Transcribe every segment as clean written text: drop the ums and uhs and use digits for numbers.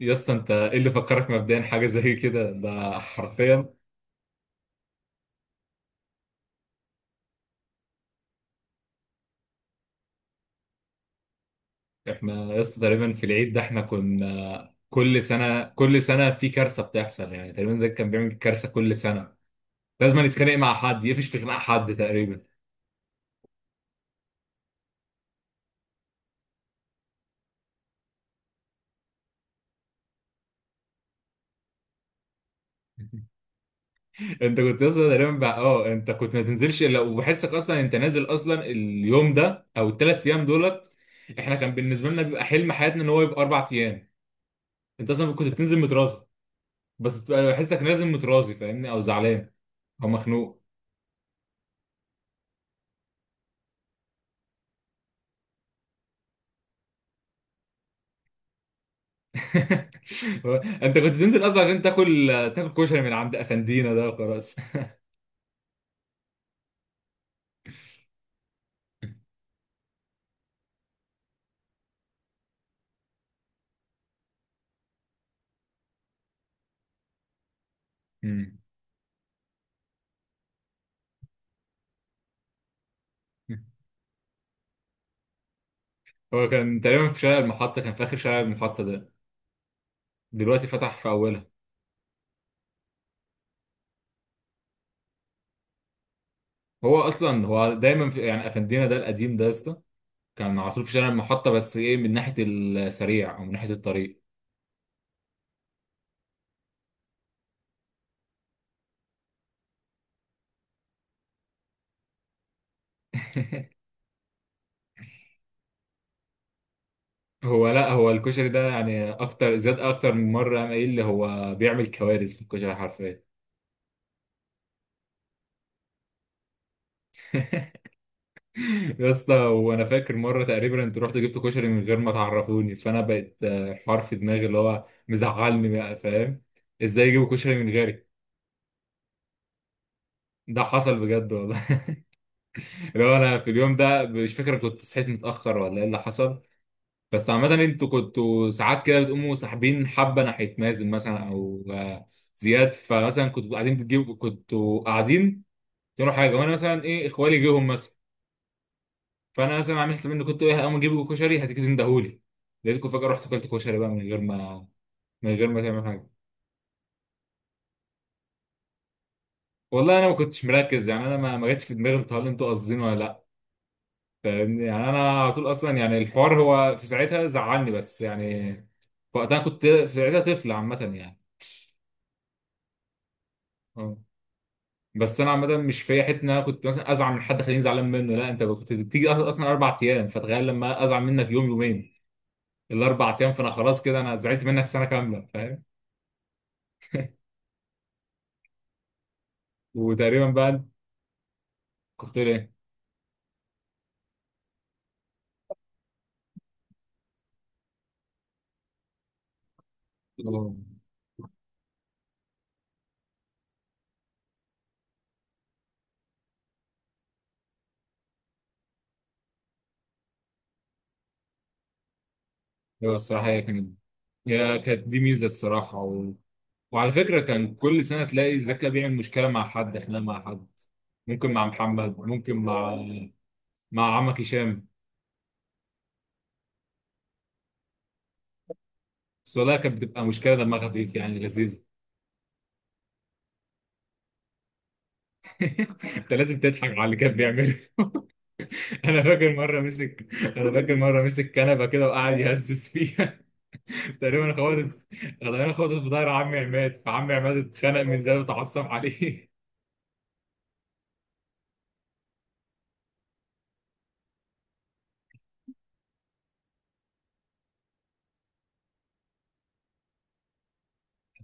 يا اسطى انت ايه اللي فكرك مبدئيا حاجه زي كده؟ ده حرفيا احنا يا اسطى تقريبا في العيد ده احنا كنا كل سنه كل سنه في كارثه بتحصل، يعني تقريبا زي كان بيعمل كارثه كل سنه. لازم نتخانق مع حد، يقفش في خناق حد تقريبا. انت كنت اصلا تقريبا بقى اه انت كنت ما تنزلش الا وبحسك اصلا انت نازل اصلا اليوم ده او الثلاث ايام دولت. احنا كان بالنسبه لنا بيبقى حلم حياتنا ان هو يبقى اربع ايام. انت اصلا كنت بتنزل متراضي، بس بتبقى بحسك نازل متراضي، فاهمني؟ او زعلان او مخنوق. هو انت كنت تنزل اصلا عشان تاكل، تاكل كشري من عند افندينا ده وخلاص. مم. هو كان تقريبا في شارع المحطة، كان في آخر شارع المحطة ده. دلوقتي فتح في أولها. هو أصلا هو دايما في، يعني أفندينا ده القديم ده يا اسطى، كان على طول في شارع المحطة، بس إيه، من ناحية السريع أو من ناحية الطريق. هو لا، هو الكشري ده يعني أكتر زاد أكتر من مرة قام قايل لي هو بيعمل كوارث في الكشري حرفيا. يا اسطى وانا فاكر مره تقريبا انت رحت جبت كشري من غير ما تعرفوني، فانا بقيت الحوار في دماغي اللي هو مزعلني، بقى فاهم؟ ازاي يجيبوا كشري من غيري؟ ده حصل بجد والله. اللي هو انا في اليوم ده مش فاكر كنت صحيت متاخر ولا ايه اللي حصل، بس عامه انتوا كنتوا ساعات كده بتقوموا ساحبين حبه ناحيه مازن مثلا او زياد، فمثلا كنتوا قاعدين بتجيبوا، كنتوا قاعدين تعملوا حاجه، وانا مثلا ايه، اخوالي جيهم مثلا، فانا مثلا عامل حساب ان كنت ايه هقوم اجيب كشري، هتندهولي. لقيتكم فجاه، رحت كلت كشري بقى من غير ما، من غير ما تعمل حاجه. والله انا ما كنتش مركز، يعني انا ما جاتش في دماغي انتوا، هل انتوا قاصدين ولا لا، فاهمني؟ يعني انا على طول اصلا يعني الحوار هو في ساعتها زعلني، بس يعني في وقتها كنت، في ساعتها طفل عامه يعني. اه، بس انا عامه مش في حته ان انا كنت مثلا ازعل من حد خليني زعلان منه، لا، انت كنت بتيجي اصلا اربع ايام، فتخيل لما ازعل منك يوم، يومين، الاربع ايام، فانا خلاص كده انا زعلت منك سنه كامله، فاهم؟ وتقريبا بقى كنت بتقول ايه. اه، هو الصراحة هي كانت، هي كانت دي ميزة الصراحة و... وعلى فكرة كان كل سنة تلاقي زكا بيعمل مشكلة مع حد، خناقة مع حد، ممكن مع محمد، ممكن مع، مع عمك هشام. بس والله كانت بتبقى مشكلة دمها خفيف، يعني لذيذة. انت لازم تضحك على اللي كان بيعمله. انا فاكر مرة مسك كنبة كده وقعد يهزز فيها. تقريبا خبطت تقريبا خبطت في ظهر عمي عماد، فعمي عماد اتخنق من زي وتعصب عليه.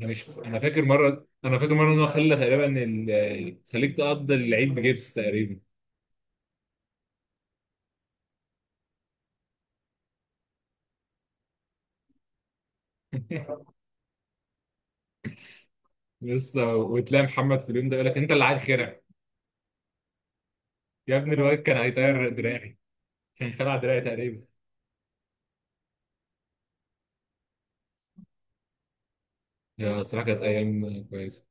انا مش انا فاكر مره انا فاكر مره ان هو خلى تقريبا خليك تقضي العيد بجبس تقريبا. لسه وتلاقي محمد في اليوم ده يقول لك انت اللي عيل خرع. يا ابني الواد كان هيطير دراعي، كان خلع دراعي تقريبا. يا صراحه كانت ايام كويسه.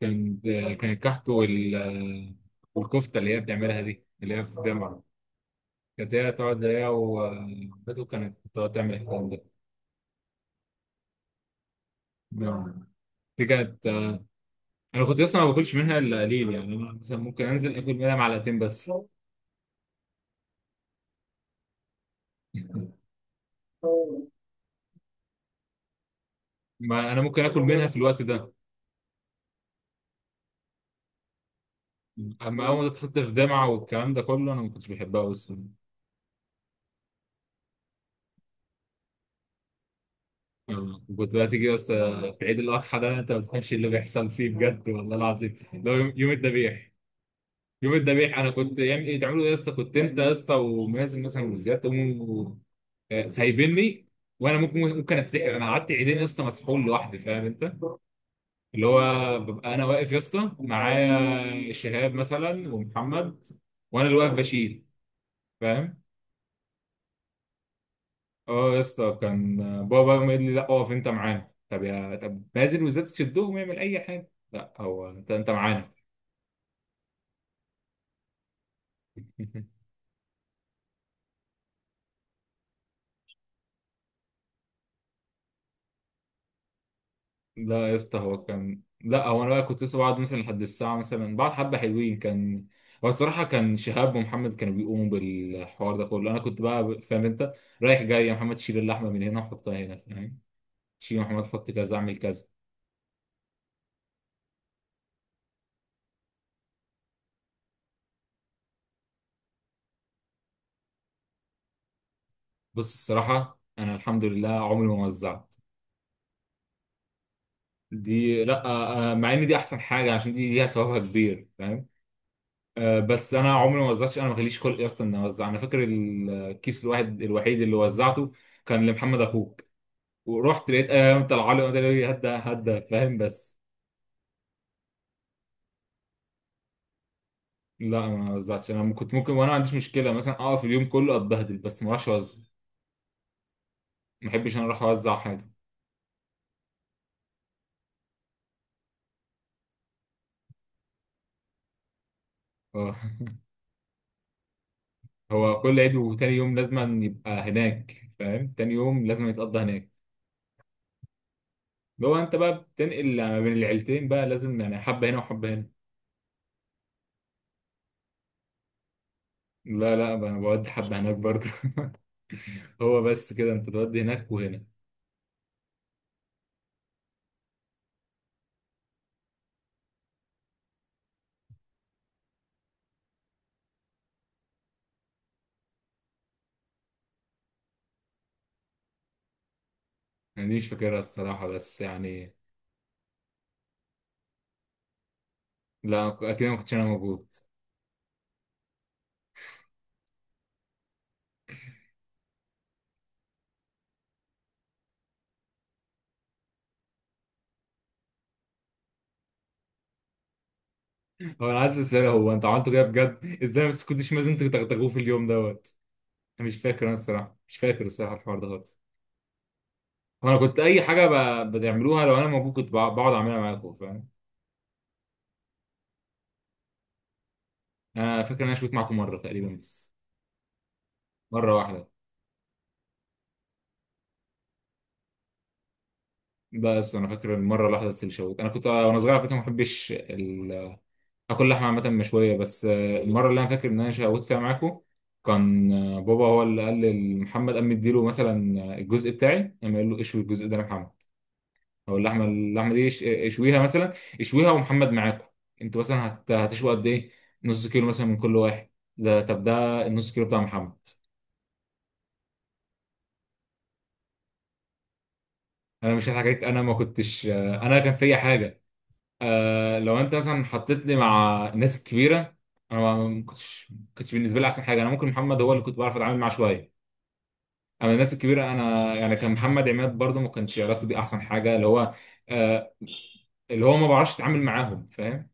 كان كان الكحك والكفته اللي هي بتعملها دي، اللي هي في الجامعه. كانت هي تقعد، هي وبدو كانت تقعد تعمل الكلام ده. نعم. دي كانت انا كنت اصلا ما باكلش منها الا قليل، يعني انا مثلا ممكن انزل اكل منها معلقتين بس. ما انا ممكن اكل منها في الوقت ده. اما اول ما تتحط في دمعه والكلام ده كله انا ما كنتش بحبها، بس كنت بقى تيجي بس. في عيد الاضحى ده انت ما بتفهمش اللي بيحصل فيه بجد والله العظيم. لو يوم، يوم الذبيح، يوم الذبيح انا كنت يعمل ايه، تعملوا ايه يا اسطى، كنت انت يا اسطى ومازن مثلا وزياد تقوموا سايبيني. وانا ممكن اتسحر، انا قعدت عيدين يا اسطى مسحول لوحدي، فاهم انت؟ اللي هو ببقى انا واقف يا اسطى، معايا شهاب مثلا ومحمد، وانا اللي واقف بشيل، فاهم؟ اه يا اسطى، كان بابا يقوم قايل لي لا اقف انت معانا، طب يا طب نازل وزاد تشدهم يعمل اي حاجه، لا هو انت، انت معانا. لا يا اسطى، هو كان، لا هو انا بقى كنت لسه بقعد مثلا لحد الساعه مثلا بعد حبه حلوين، كان هو الصراحه كان شهاب ومحمد كانوا بيقوموا بالحوار ده كله، انا كنت بقى فاهم انت، رايح جاي يا محمد شيل اللحمه من هنا وحطها هنا، فاهم؟ شيل يا محمد، حط كذا، اعمل كذا. بص الصراحه انا الحمد لله عمري ما وزعت. دي لا، مع ان دي احسن حاجه عشان دي ليها ثوابها كبير، فاهم؟ بس انا عمري ما وزعتش، انا ما خليش خلقي اصلا اني اوزع. انا فاكر الكيس الواحد الوحيد اللي وزعته كان لمحمد اخوك، ورحت لقيت قام طلع لي وقال لي هدى هدى، فاهم؟ بس لا ما وزعتش. انا كنت ممكن وانا ما عنديش مشكله مثلا اقف اليوم كله اتبهدل بس ما اروحش اوزع. ما بحبش انا اروح اوزع حاجه. آه. هو كل عيد وتاني يوم لازم يبقى هناك، فاهم؟ تاني يوم لازم يتقضى هناك. لو انت بقى بتنقل ما بين العيلتين بقى لازم يعني حبه هنا وحبه هنا. لا لا بقى، انا بودي حبه هناك برضه. هو بس كده انت تودي هناك وهنا. انا دي مش فاكرها الصراحه بس يعني لا، أنا اكيد ما كنتش انا موجود. هو انا عايز اسال، هو انت عملته كده بجد ازاي ما سكتش مازن، انتوا بتغتغوه في اليوم دوت. انا مش فاكر، انا الصراحه مش فاكر الصراحه الحوار ده خالص. هو انا كنت اي حاجه بتعملوها لو انا موجود كنت بقعد اعملها معاكم، فاهم؟ انا فاكر ان انا شوت معاكم مره تقريبا بس. مره واحده. بس انا فاكر المره الواحده بس اللي شوت. انا كنت وانا صغير على فكره ما بحبش اكل لحمه عامه مشويه، بس المره اللي انا فاكر ان انا شوت فيها معاكو كان بابا هو اللي قال لمحمد، قام مديله مثلا الجزء بتاعي، قام قال له اشوي الجزء ده يا محمد، او اللحمه، اللحمه دي اشويها مثلا، اشويها. ومحمد معاكو انتوا مثلا هتشوي قد ايه، نص كيلو مثلا من كل واحد، ده طب ده النص كيلو بتاع محمد. انا مش هضحك عليك، انا ما كنتش آه، انا كان فيا حاجه، لو انت مثلا حطيتني مع الناس الكبيره انا ما كنتش بالنسبه لي احسن حاجه. انا ممكن محمد هو اللي كنت بعرف اتعامل معاه شويه، اما الناس الكبيره انا يعني، كان محمد عماد برضه ما كانش علاقتي بيه احسن حاجه، اللي هو آه، اللي هو ما بعرفش اتعامل معاهم، فاهم؟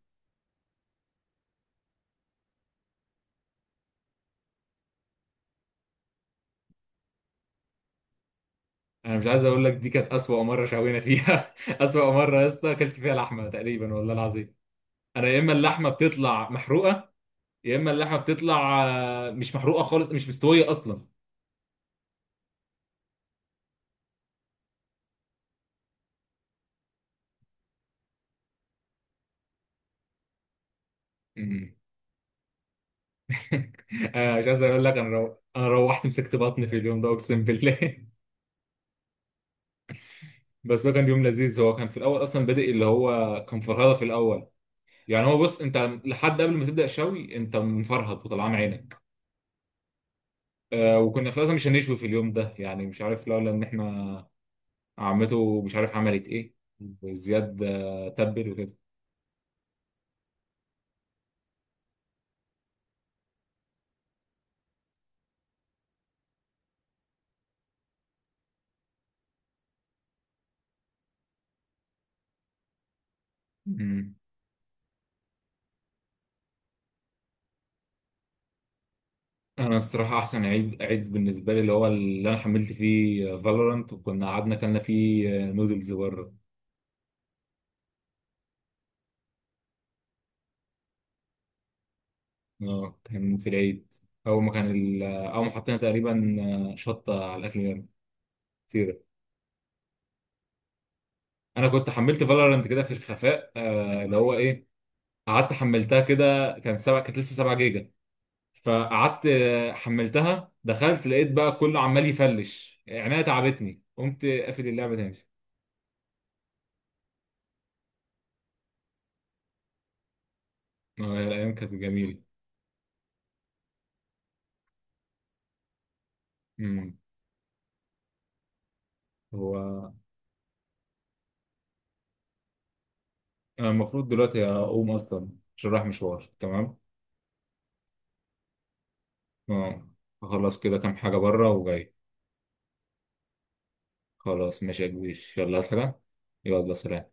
انا مش عايز اقول لك دي كانت اسوأ مره شوينا فيها. اسوأ مره يا اسطى اكلت فيها لحمه تقريبا والله العظيم. انا يا اما اللحمه بتطلع محروقه، يا اما اللحمه بتطلع مش محروقه خالص، مش مستويه اصلا. أمم. انا مش عايز اقول لك انا انا روحت مسكت بطني في اليوم ده اقسم بالله. بس هو كان يوم لذيذ، هو كان في الاول اصلا بادئ اللي هو كان فرهده في الاول، يعني هو بص انت لحد قبل ما تبدا شوي انت مفرهد وطلعان عينك. آه، وكنا في الأساس مش هنشوي في اليوم ده، يعني مش عارف لولا ان احنا عمته مش عارف عملت ايه، وزياد تبل وكده. مم. انا الصراحه احسن عيد، عيد بالنسبه لي اللي هو اللي انا حملت فيه فالورانت وكنا قعدنا اكلنا فيه نودلز بره. اه كان في العيد، اول ما حطينا تقريبا شطه على الاكل كتير. انا كنت حملت فالورانت كده في الخفاء، اللي هو ايه، قعدت حملتها كده، كان سبعة، كانت لسه 7 جيجا، فقعدت حملتها، دخلت لقيت بقى كله عمال يفلش عينيا، تعبتني، قمت قافل اللعبة تاني. يا الأيام كانت جميلة. امم. هو أنا المفروض دلوقتي أقوم أصلا، عشان رايح مشوار. تمام. اه. هخلص كده كام حاجة بره وجاي. خلاص ماشي يا كبير، يلا. عايز حاجة؟ يلا، سلام.